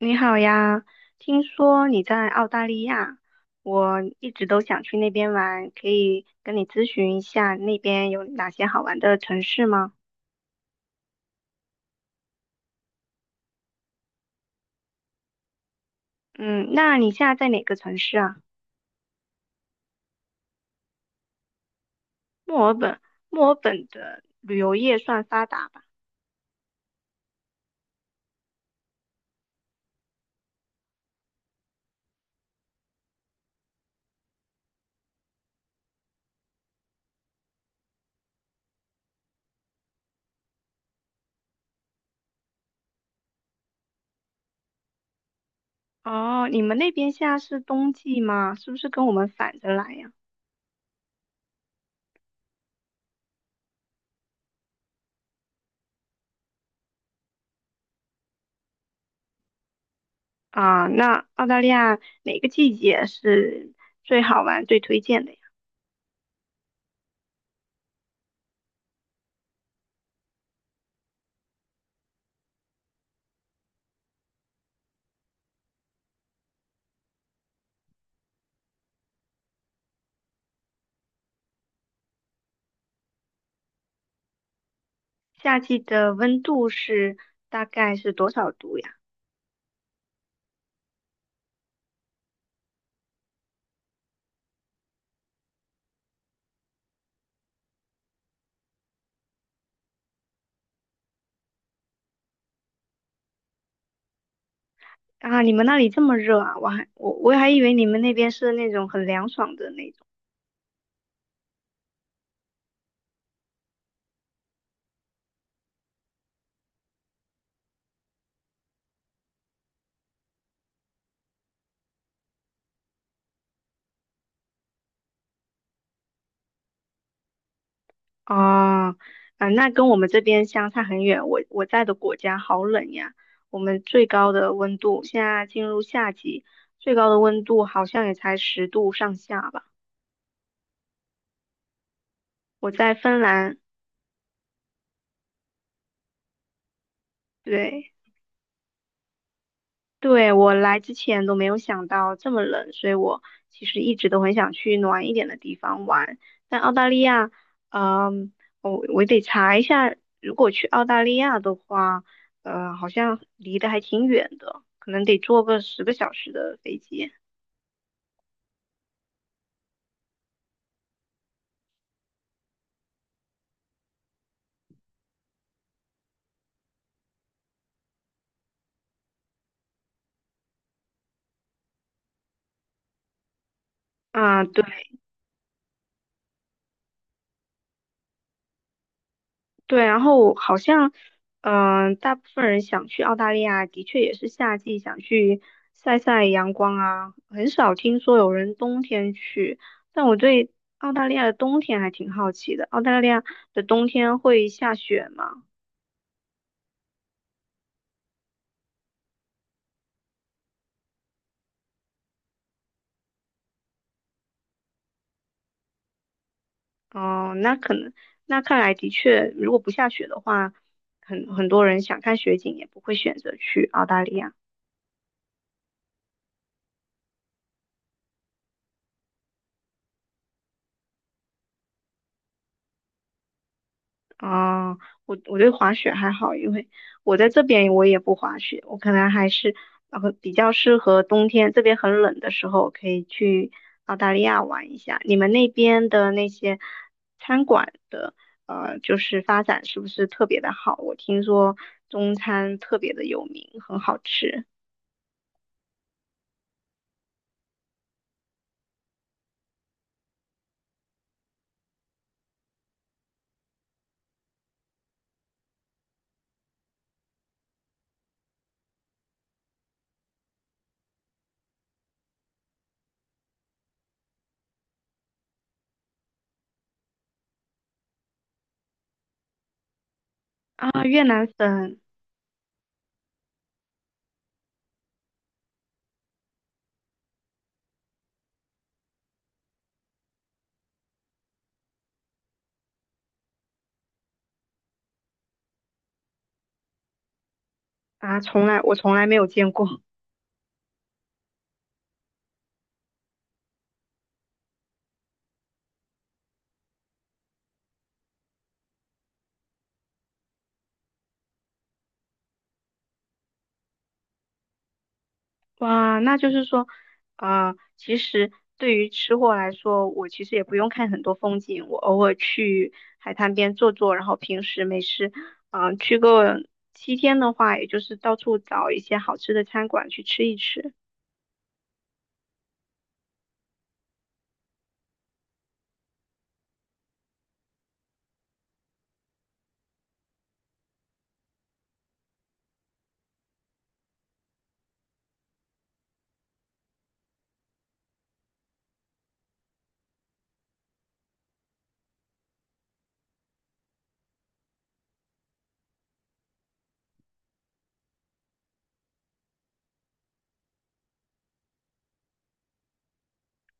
你好呀，听说你在澳大利亚，我一直都想去那边玩，可以跟你咨询一下那边有哪些好玩的城市吗？嗯，那你现在在哪个城市啊？墨尔本，墨尔本的旅游业算发达吧？哦，你们那边现在是冬季吗？是不是跟我们反着来呀？啊，那澳大利亚哪个季节是最好玩、最推荐的呀？夏季的温度是大概是多少度呀？啊，你们那里这么热啊？我还以为你们那边是那种很凉爽的那种。哦，啊，那跟我们这边相差很远。我在的国家好冷呀，我们最高的温度现在进入夏季，最高的温度好像也才10度上下吧。我在芬兰，对。对，我来之前都没有想到这么冷，所以我其实一直都很想去暖一点的地方玩。但澳大利亚，嗯，我得查一下，如果去澳大利亚的话，好像离得还挺远的，可能得坐个10个小时的飞机。啊，对。对，然后好像，大部分人想去澳大利亚，的确也是夏季想去晒晒阳光啊，很少听说有人冬天去。但我对澳大利亚的冬天还挺好奇的，澳大利亚的冬天会下雪吗？哦、那可能，那看来的确，如果不下雪的话，很多人想看雪景也不会选择去澳大利亚。啊，我对滑雪还好，因为我在这边我也不滑雪，我可能还是比较适合冬天，这边很冷的时候可以去澳大利亚玩一下。你们那边的那些餐馆的就是发展是不是特别的好？我听说中餐特别的有名，很好吃啊，越南粉啊，我从来没有见过。哇，那就是说，啊，其实对于吃货来说，我其实也不用看很多风景，我偶尔去海滩边坐坐，然后平时没事，去个7天的话，也就是到处找一些好吃的餐馆去吃一吃。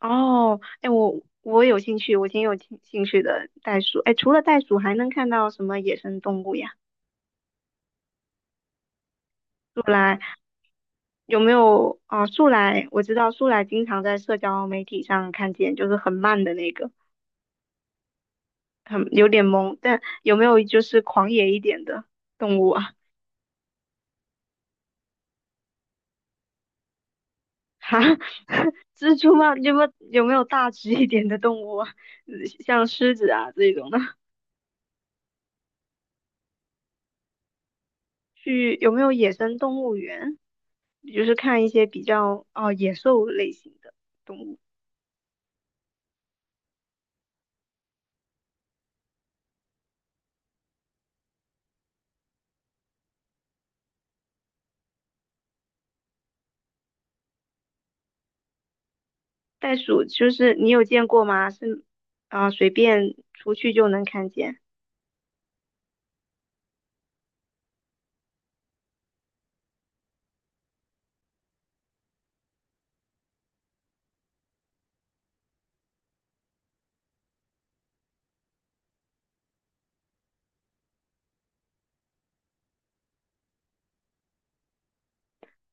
哦，哎，我有兴趣，我挺有兴趣的袋鼠。哎，除了袋鼠，还能看到什么野生动物呀？有没有啊、树懒，我知道树懒经常在社交媒体上看见，就是很慢的那个。很有点懵，但有没有就是狂野一点的动物啊？哈，蜘蛛吗？有没有大只一点的动物啊？嗯像狮子啊这种的，去有没有野生动物园？就是看一些比较哦野兽类型的动物，袋鼠就是你有见过吗？是啊，随便出去就能看见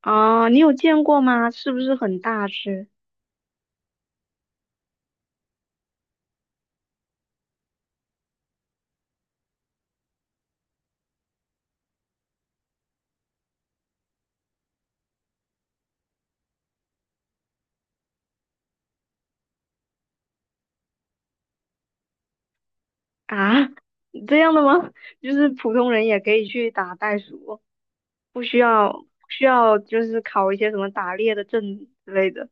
啊，你有见过吗？是不是很大只啊？这样的吗？就是普通人也可以去打袋鼠。不需要就是考一些什么打猎的证之类的。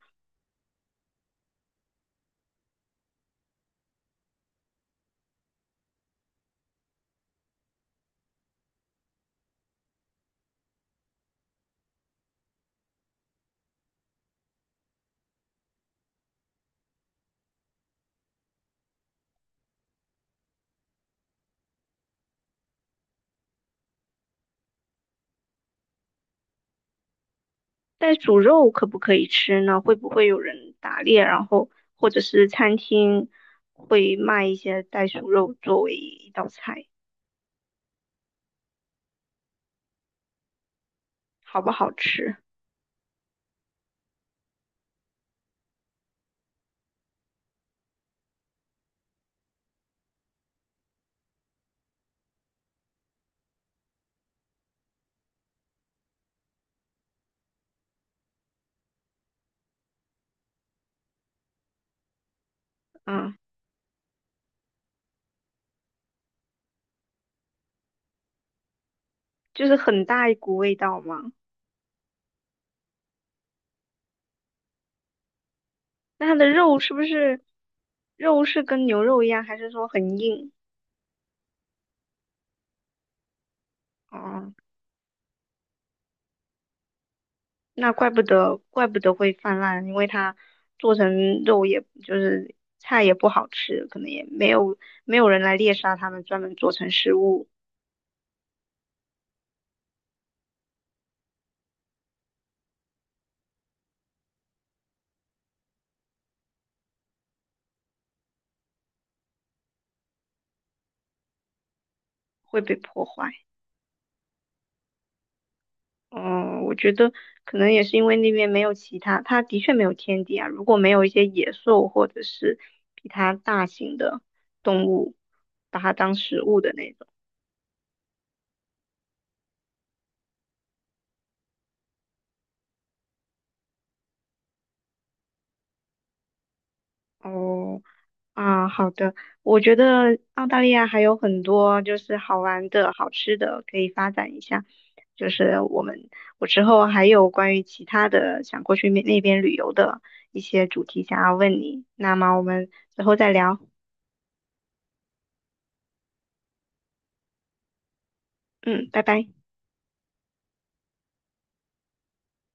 袋鼠肉可不可以吃呢？会不会有人打猎，然后或者是餐厅会卖一些袋鼠肉作为一道菜，好不好吃？嗯，就是很大一股味道嘛。那它的肉是不是肉是跟牛肉一样，还是说很硬？哦、那怪不得，怪不得会泛滥，因为它做成肉也，就是菜也不好吃，可能也没有没有人来猎杀它们，专门做成食物会被破坏。嗯，我觉得可能也是因为那边没有其他，它的确没有天敌啊。如果没有一些野兽或者是比它大型的动物，把它当食物的那种。哦，啊，好的，我觉得澳大利亚还有很多就是好玩的、好吃的可以发展一下。就是我们，我之后还有关于其他的想过去那边旅游的一些主题想要问你，那么我们之后再聊。嗯，拜拜。